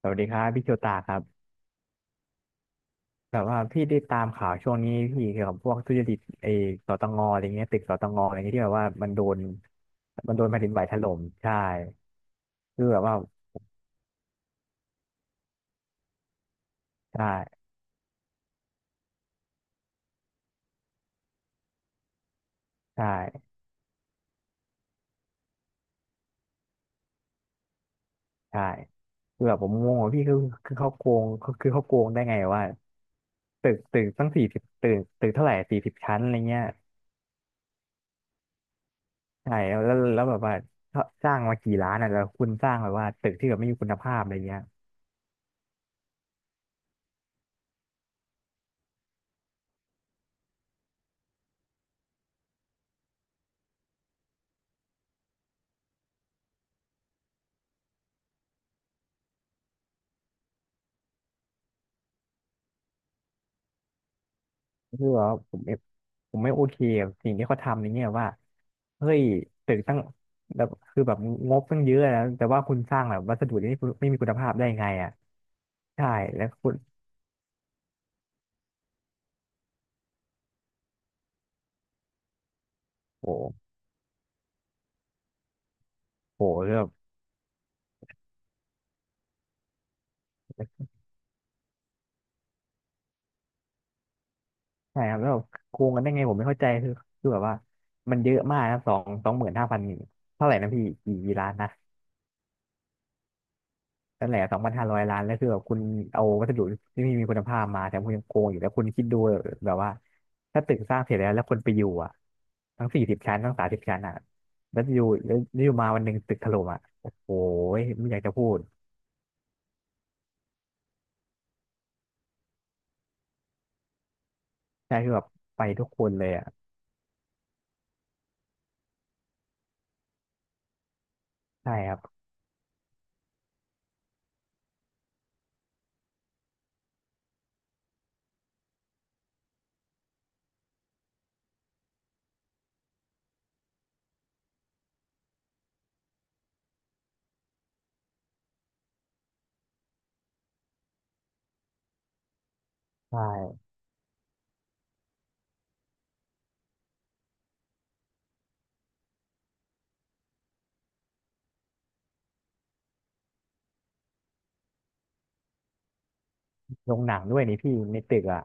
สวัสดีครับพี่โชตาครับแบบว่าพี่ได้ตามข่าวช่วงนี้พี่เกี่ยวกับพวกทุจริตไอ้สตงอะไรเงี้ยตึกสตงอะไรเงี้ยที่แบบว่ามันโดนแผ่นดินไหวถล่มใช่คือแบบว่าใช่ใช่ใช่คือแบบผมงงว่าพี่คือคือเขาโกงคือคือเขาโกงได้ไงว่าตึกตั้งสี่สิบตึกเท่าไหร่สี่สิบชั้นอะไรเงี้ยใช่แล้วแบบว่าสร้างมากี่ล้านอ่ะแล้วคุณสร้างแบบว่าตึกที่แบบไม่มีคุณภาพอะไรเงี้ย คือว่าผมไม่โอเคกับสิ่งที่เขาทำในเนี่ยว่าเฮ้ยตึกตั้งแบบคือแบบงบตั้งเยอะแล้วแต่ว่าคุณสร้างแบบวัสดุที่ไม่มีคุณภาพได้ไงอ่ะใช่แล้วคุณโอ้โหเรื่องใช่ครับแล้วแบบโกงกันได้ไงผมไม่เข้าใจคือคือแบบว่ามันเยอะมากนะสองหมื่นห้าพันเท่าไหร่นะพี่กี่ล้านนะ นั่นแหละ2,500 ล้านแล้วคือแบบคุณเอาวัสดุที่ไมมีคุณภาพมาแต่คุณยังโกงอยู่แล้วคุณคิดดูแบบว่าถ้าตึกสร้างเสร็จแล้วแล้วคนไปอยู่อ่ะทั้งสี่สิบชั้นทั้ง30ชั้นอ่ะแล้วอยู่แล้วอยู่มาวันหนึ่งตึกถล่มอ่ะโอ้โหไม่อยากจะพูดใช่คือแบบไปทุกคนเลยอ่ะใช่ครับใช่โรงหนังด้วยนี่พี่ในตึกอ่ะ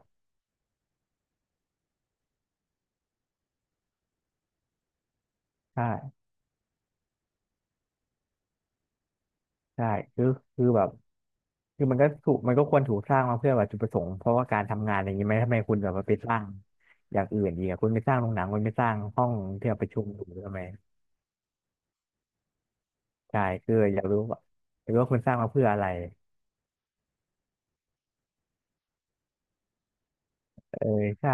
ใช่ใช่คือคือแบบ คือมันก็ถูกมันก็ควรถูกสร้างมาเพื่อแบบจุดประสงค์เพราะว่าการทำงานอย่างนี้ไหมทำไมคุณแบบว่าไปสร้างอย่างอื่นดีอะคุณไปสร้างโรงหนังคุณไปสร้างห้องที่เราประชุมอยู่ทำไมใช่คืออยากรู้ว่าอยากรู้ว่าคุณสร้างมาเพื่ออะไรเออใช่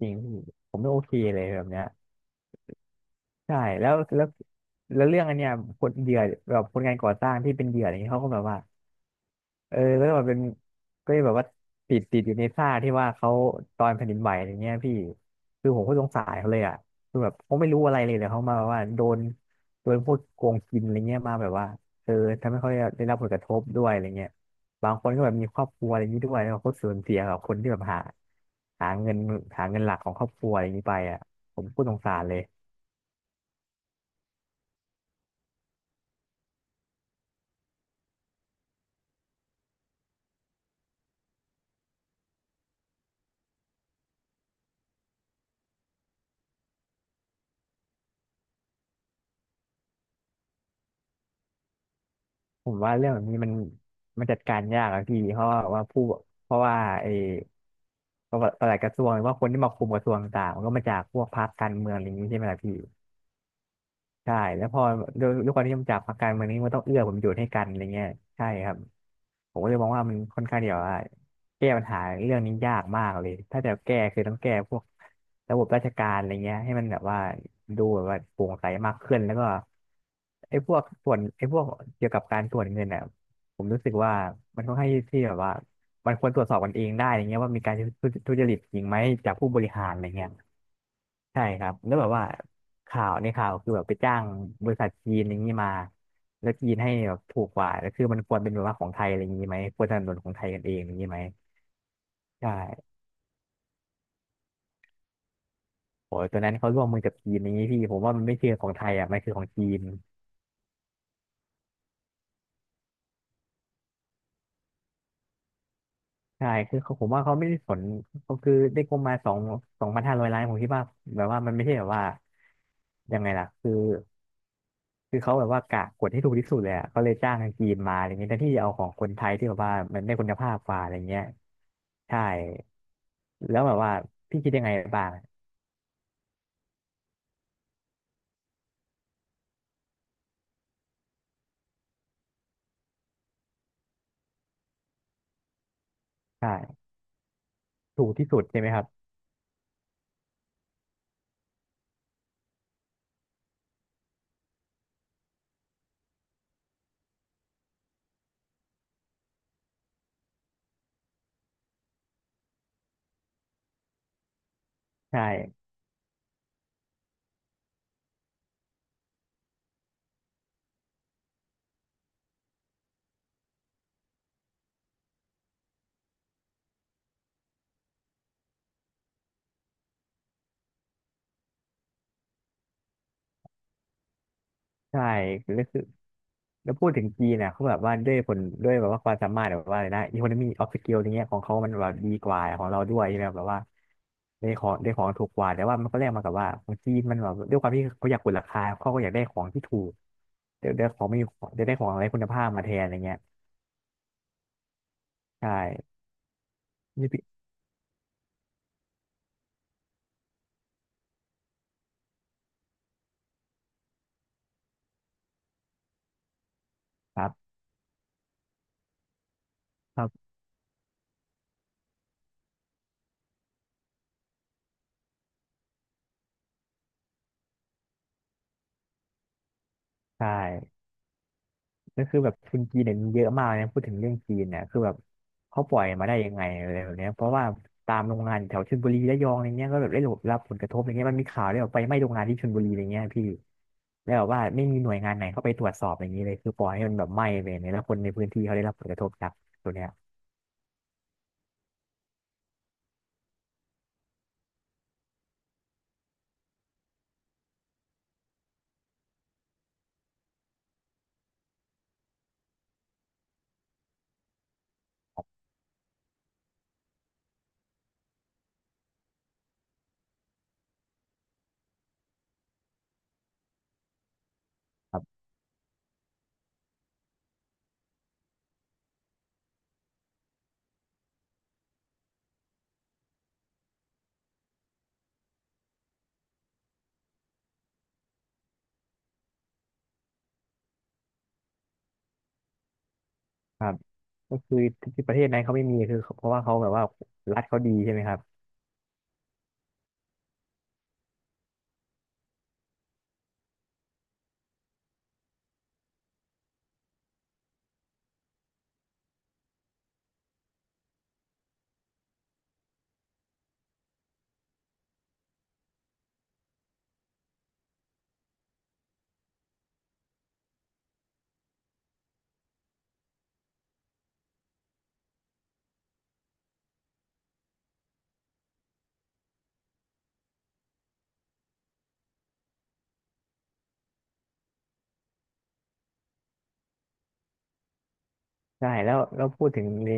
จริงพี่ผมไม่โอเคเลยแบบเนี้ยใช่แล้วแล้วแล้วเรื่องอันเนี้ยคนเหยื่อแบบคนงานก่อสร้างที่เป็นเหยื่ออะไรเงี้ยเขาก็แบบว่า เออแล้วก็แบบเป็นก็แบบว่าติดอยู่ในท่าที่ว่าเขาตอนแผ่นดินไหวอย่างเงี้ยพี่คือผมก็สงสารเขาเลยอ่ะคือแบบเขาไม่รู้อะไรเลยเขามาแบบว่าโดนพวกโกงกินอะไรเงี้ยมาแบบว่าเออทำให้เขาได้รับผลกระทบด้วยอะไรเงี้ยบางคนก็แบบมีครอบครัวอะไรอย่างนี้ด้วยแล้วเขาสูญเสียกับคนที่แบบหาหาเงินเงินหลักของครอบครัวอะไรอย่างนี้ไปอ่ะผมพูดสงสารเลยผมว่าเรื่องแบบนี้มันจัดการยากอะพี่เพราะว่าผู้เพราะว่าไอ้ ก็ประหลัดกระทรวงหรือว่าคนที่มาคุมกระทรวงต่างๆมันก็มาจากพวกพรรคการเมืองอะไรอย่างนี้ใช่ไหมล่ะพี่ ใช่แล้วพอด้วยความที่มันจับพักการเมืองนี้มันต้องเอื้อผลประโยชน์ให้กันอะไรเงี้ยใช่ครับผมก็เลยมองว่ามันค่อนข้างเดียวว่าแก้ปัญหาเรื่องนี้ยากมากเลยถ้าจะแก้คือต้องแก้พวกระบบราชการอะไรเงี้ยให้มันแบบว่าดูแบบว่าโปร่งใสมากขึ้นแล้วก็ไอ้พวกเกี่ยวกับการตรวจเงินอ่ะผมรู้สึกว่ามันค่อนข้างที่แบบว่ามันควรตรวจสอบกันเองได้อะไรเงี้ยว่ามีการทุจริตจริงไหมจากผู้บริหารอะไรเงี้ย ใช่ครับ แล้วแบบว่าข่าวในข่าวคือแบบไปจ้างบริษัทจีนอย่างนี้มาแล้วจีนให้แบบถูกกว่า แล้วคือมันควรเป็นแบบว่าของไทยอะไรอย่างนี้ไหมควรสนับสนุนของไทยกันเองอย่างนี้ไหมใช่โอ้ยตัวนั้นเขาร่วมมือกับจีนอย่างนี้พี่ผมว่ามันไม่ใช่ของไทยอ่ะมันคือของจีนใช่คือเขาผมว่าเขาไม่ได้สนเขาคือได้งบมาสองพันห้าร้อยล้านผมคิดว่าแบบว่ามันไม่ใช่แบบว่ายังไงล่ะคือ คือเขาแบบว่ากะกดให้ถูกที่สุดเลยอะเขาเลยจ้างทางจีนมาอะไรเงี้ยแทนที่จะเอาของคนไทยที่แบบว่ามันได้คุณภาพกว่าอะไรเงี้ยใช่แล้วแบบว่าพี่คิดยังไงบ้างใช่ถูกที่สุดใช่ไหมครับใช่ใช่แล้วคือ แล้วพูดถึงจีนเนี่ยเขาแบบว่าด้วยผลด้วยแบบว่าความสามารถแบบว่าอะไรนะ economy of skill อย่างเงี้ยของเขามันแบบดีกว่าของเราด้วยใช่ไหมแบบว่าได้ของถูกกว่าแต่ว่ามันก็แลกมากับว่าของจีนมันแบบด้วยความที่เขาอยากกดราคาเขาก็อยากได้ของที่ถูกเดี๋ยวได้ของไม่มีของเดี๋ยวได้ของอะไรคุณภาพมาแทนอะไรเงี้ยใช่นี่พี่ครับครับใช่ ก็คือแบบทุนจีนเนี่ยมีเยอะมากนะพูดถึงเรื่องจีนเนี่ยคือแบบเขาปล่อยมาได้ยังไงอะไรแบบเนี้ยเพราะว่าตามโรงงานแถวชลบุรีระยองอะไรเงี้ยก็แบบได้รับผลกระทบอะไรเงี้ยมันมีข่าวเรื่องไฟไหม้โรงงานที่ชลบุรีอะไรเงี้ยพี่แล้วแบบว่าไม่มีหน่วยงานไหนเข้าไปตรวจสอบอย่างนี้เลยคือปล่อยให้มันแบบไหม้ไปเนี่ยแล้วคนในพื้นที่เขาได้รับผลกระทบจากตัวเนี้ยครับครับก็คือที่ประเทศนั้นเขาไม่มีคือเพราะว่าเขาแบบว่ารัฐเขาดีใช่ไหมครับ ใช่แล้วแล้วพูดถึงใน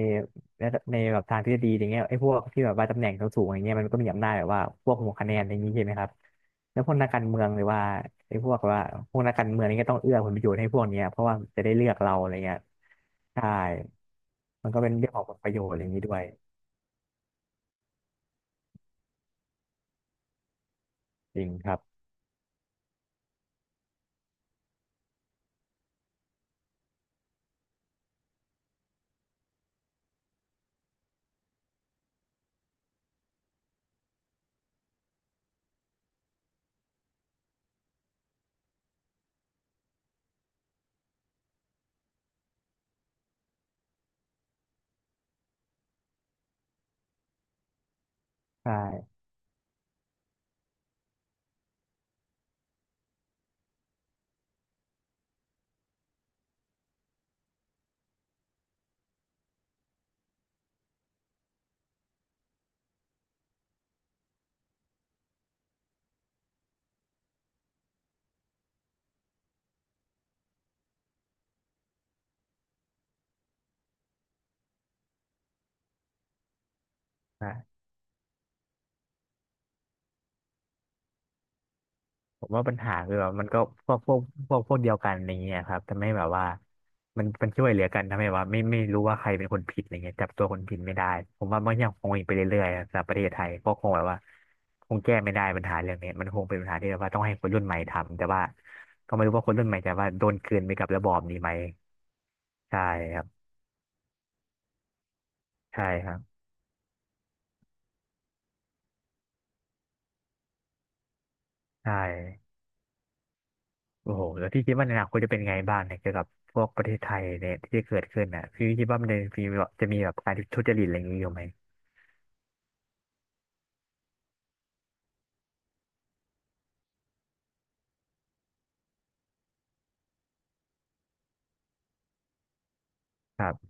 ในแบบทางทฤษฎีอย่างเงี้ยไอ้พวกที่แบบว่าตำแหน่งสูงๆอย่างเงี้ยมันก็มีอำนาจแบบว่าพวกหัวคะแนนอย่างนี้ใช่ไหมครับแล้วพวกนักการเมืองหรือว่าไอ้พวกว่าพวกนักการเมืองนี่ก็ต้องเอื้อผลประโยชน์ให้พวกเนี้ยเพราะว่าจะได้เลือกเราอะไรเงี้ยใช่มันก็เป็นเรื่องของผลประโยชน์อะไรอย่างนี้ด้วยจริงครับใช่ ผมว่าปัญหาคือแบบมันก็พวกพวกพวกเดียวกันอะไรเงี้ยครับทำให้แบบว่ามันช่วยเหลือกันทำให้ว่าไม่รู้ว่าใครเป็นคนผิดอะไรเงี้ยจับตัวคนผิดไม่ได้ผมว่ามันยังคงอีกไปเรื่อยๆสำหรับประเทศไทยก็คงแบบว่าคงแก้ไม่ได้ปัญหาเรื่องนี้มันคงเป็นปัญหาที่แบบว่าต้องให้คนรุ่นใหม่ทำแต่ว่าก็ไม่รู้ว่าคนรุ่นใหม่จะว่าโดนกลืนไปกับระบอบนี้ไหมใช่ครับใช่ครับใช่โอ้โหแล้วพี่คิดว่าในอนาคตจะเป็นไงบ้างเนี่ยเกี่ยวกับพวกประเทศไทยเนี่ยที่จะเกิดขึ้นน่ะพี่คิดว่ามันจะมีแบบจะมีแบบการทุจริตอะไรอย่างนี้อยู่ไหม ครับ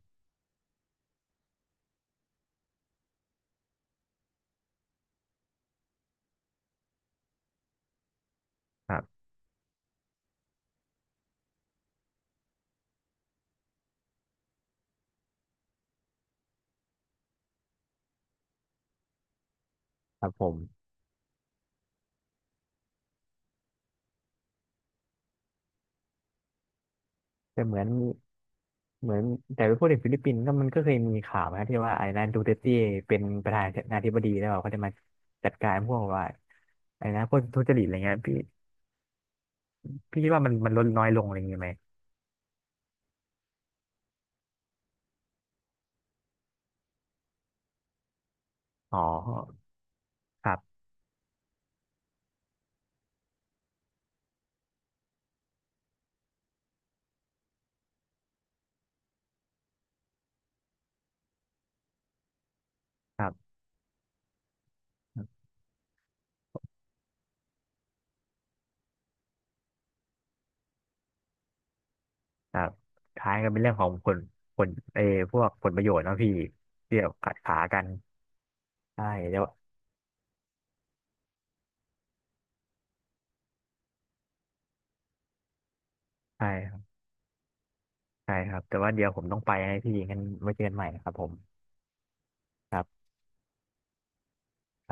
ครับครับผมแต่เหมือนเหมือนแต่ไปพูดถึงฟิลิปปินส์ก็มันก็เคยมีข่าวนะที่ว่าไอ้นายดูเตอร์เต้เป็นประธานาธิบดีแล้วเขาจะมาจัดการพวกว่าไอ้นะพวกทุจริตอะไรเงี้ยพี่พี่คิดว่ามันลดน้อยลงอะไรเงี้ยไหมอ๋อครับครับครับท้ายก็เป็นเรื่องของผลผลเออพวกผลประโยชน์เนาะพี่เดี๋ยวขัดขากันใช่เดี๋ยวใช่ครับใช่ครับแต่ว่าเดี๋ยวผมต้องไปให้พี่งั้นไว้เจอกันใหม่นะครับผม